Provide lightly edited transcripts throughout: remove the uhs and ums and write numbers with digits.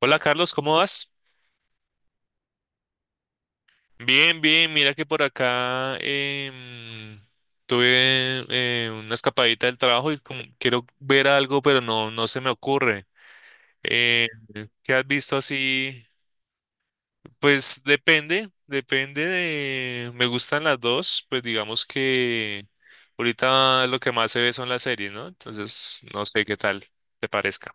Hola Carlos, ¿cómo vas? Bien, bien, mira que por acá tuve una escapadita del trabajo y como quiero ver algo, pero no se me ocurre. Eh, ¿Qué has visto así? Pues depende Me gustan las dos, pues digamos que ahorita lo que más se ve son las series, ¿no? Entonces, no sé qué tal te parezca.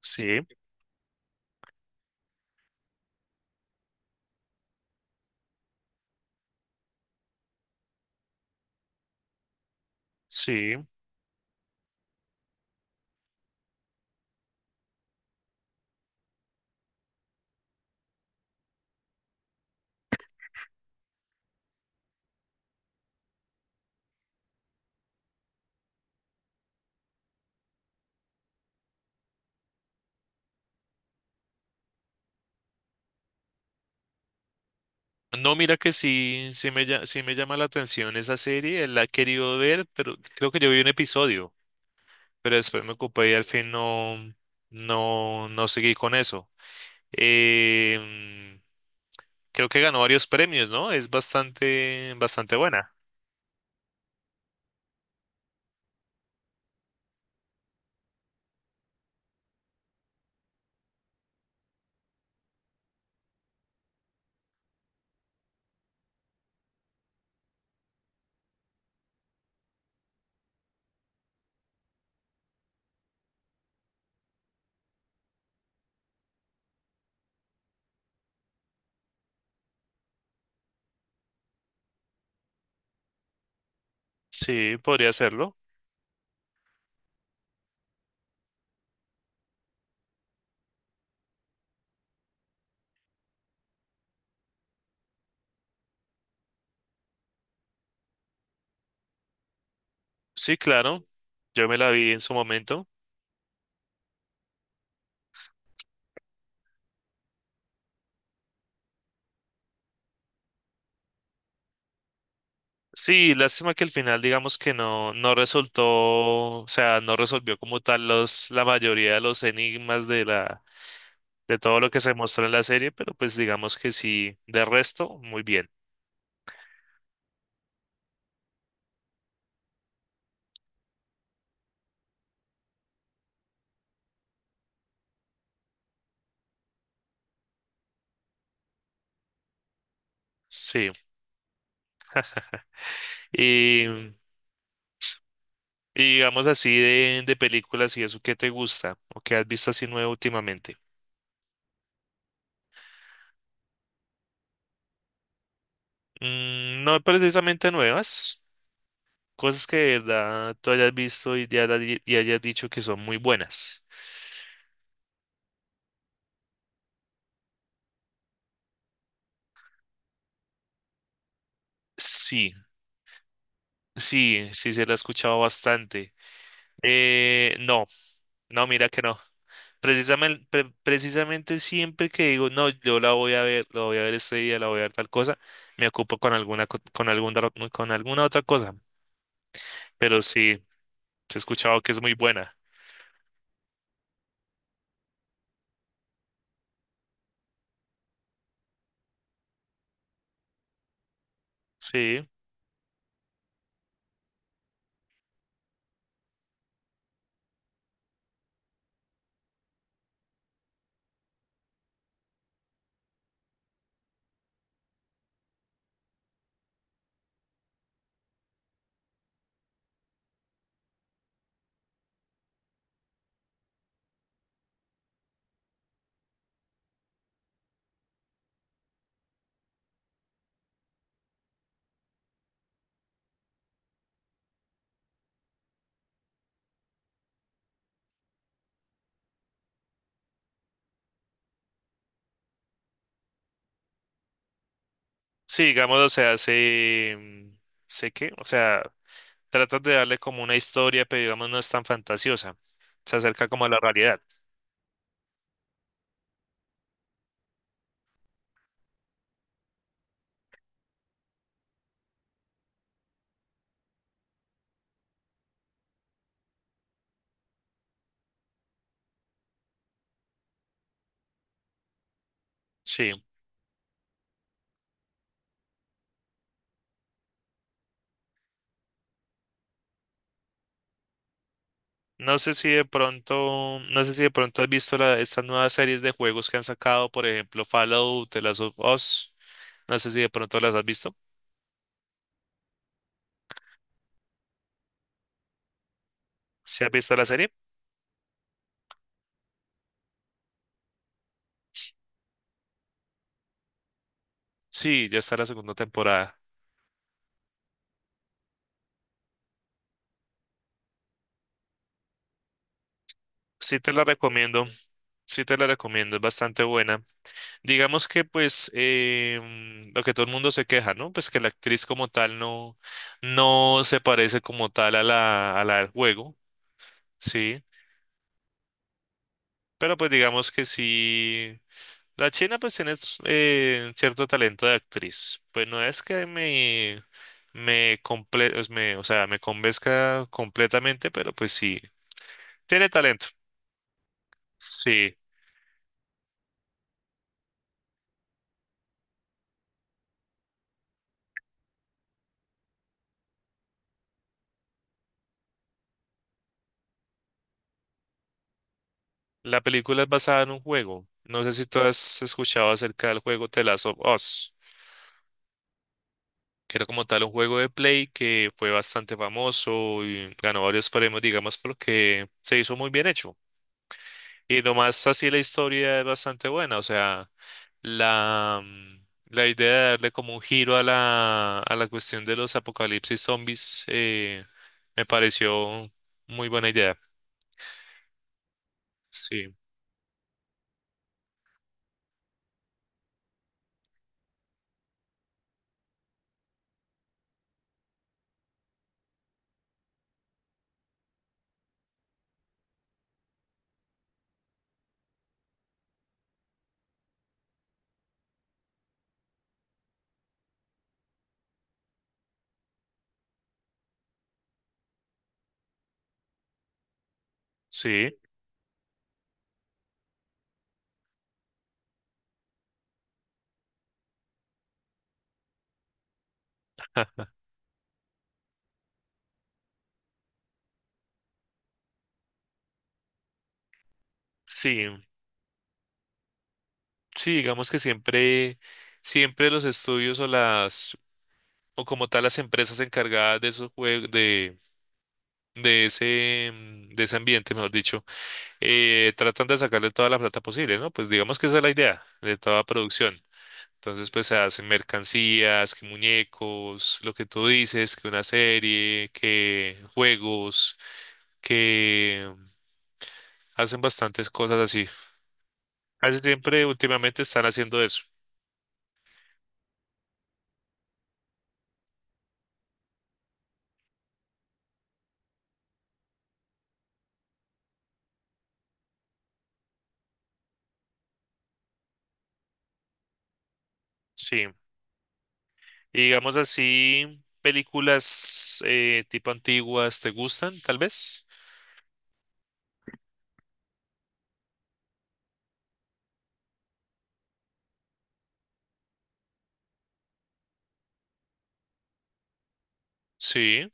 Sí, sí. No, mira que sí, sí me llama la atención esa serie, la he querido ver, pero creo que yo vi un episodio, pero después me ocupé y al fin no seguí con eso. Em, Creo que ganó varios premios, ¿no? Es bastante, bastante buena. Sí, podría hacerlo. Sí, claro, yo me la vi en su momento. Sí, lástima que al final digamos que no, no resultó, o sea, no resolvió como tal la mayoría de los enigmas de la de todo lo que se muestra en la serie, pero pues digamos que sí, de resto, muy bien. Sí. Y, y digamos así de películas y eso, ¿qué te gusta o qué has visto así nuevo últimamente? Mm, no precisamente nuevas, cosas que de verdad tú hayas visto y, y hayas dicho que son muy buenas. Sí, sí, sí se la he escuchado bastante. No, no, mira que no. Precisamente siempre que digo, no, yo la voy a ver, la voy a ver este día, la voy a ver tal cosa, me ocupo con con alguna otra cosa. Pero sí, he escuchado que es muy buena. Sí, sí, digamos, o sea, sé, mm, sé que, o sea, tratas de darle como una historia, pero digamos no es tan fantasiosa. Se acerca como a la realidad. Sí. No sé si de pronto, no sé si de pronto has visto estas nuevas series de juegos que han sacado, por ejemplo, Fallout, The Last of Us. No sé si de pronto las has visto. ¿Si has visto la serie? Sí, ya está la segunda temporada. Sí te la recomiendo, sí te la recomiendo, es bastante buena. Digamos que pues lo que todo el mundo se queja, ¿no? Pues que la actriz como tal no, no se parece como tal a la del juego, sí. Pero pues digamos que sí, la china pues tiene cierto talento de actriz. Pues no es que me, comple- pues, me, o sea, me convenzca completamente, pero pues sí. Tiene talento. Sí, la película es basada en un juego. No sé si tú has escuchado acerca del juego The Last of Us, que era como tal un juego de Play que fue bastante famoso y ganó varios premios, digamos, porque se hizo muy bien hecho. Y nomás así la historia es bastante buena, o sea, la idea de darle como un giro a a la cuestión de los apocalipsis zombies me pareció muy buena idea. Sí, sí, sí. Sí, digamos que siempre, siempre los estudios o como tal las empresas encargadas de esos juegos, de ese, mm, de ese ambiente, mejor dicho, tratan de sacarle toda la plata posible, ¿no? Pues digamos que esa es la idea de toda producción. Entonces, pues se hacen mercancías, que muñecos, lo que tú dices, que una serie, que juegos, que mm, hacen bastantes cosas así. Casi siempre últimamente están haciendo eso. Sí. Y digamos así, películas tipo antiguas, ¿te gustan, tal vez? Sí.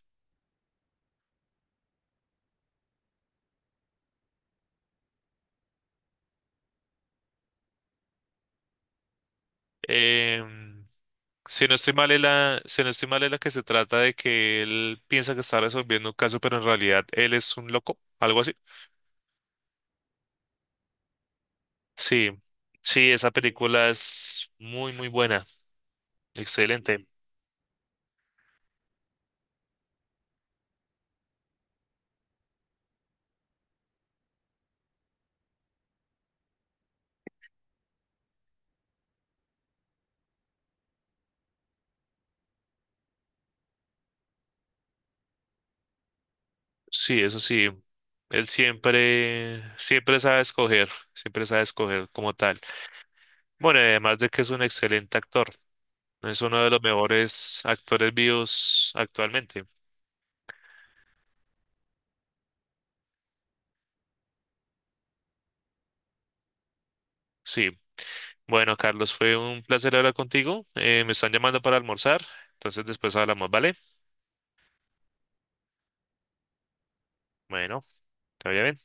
Em, si no estoy mal, si no estoy mal, es la que se trata de que él piensa que está resolviendo un caso, pero en realidad él es un loco, algo así. Sí, sí, esa película es muy, muy buena. Excelente. Sí, eso sí. Él siempre, siempre sabe escoger como tal. Bueno, y además de que es un excelente actor. Es uno de los mejores actores vivos actualmente. Sí. Bueno, Carlos, fue un placer hablar contigo. Me están llamando para almorzar. Entonces después hablamos, ¿vale? Bueno, todavía bien.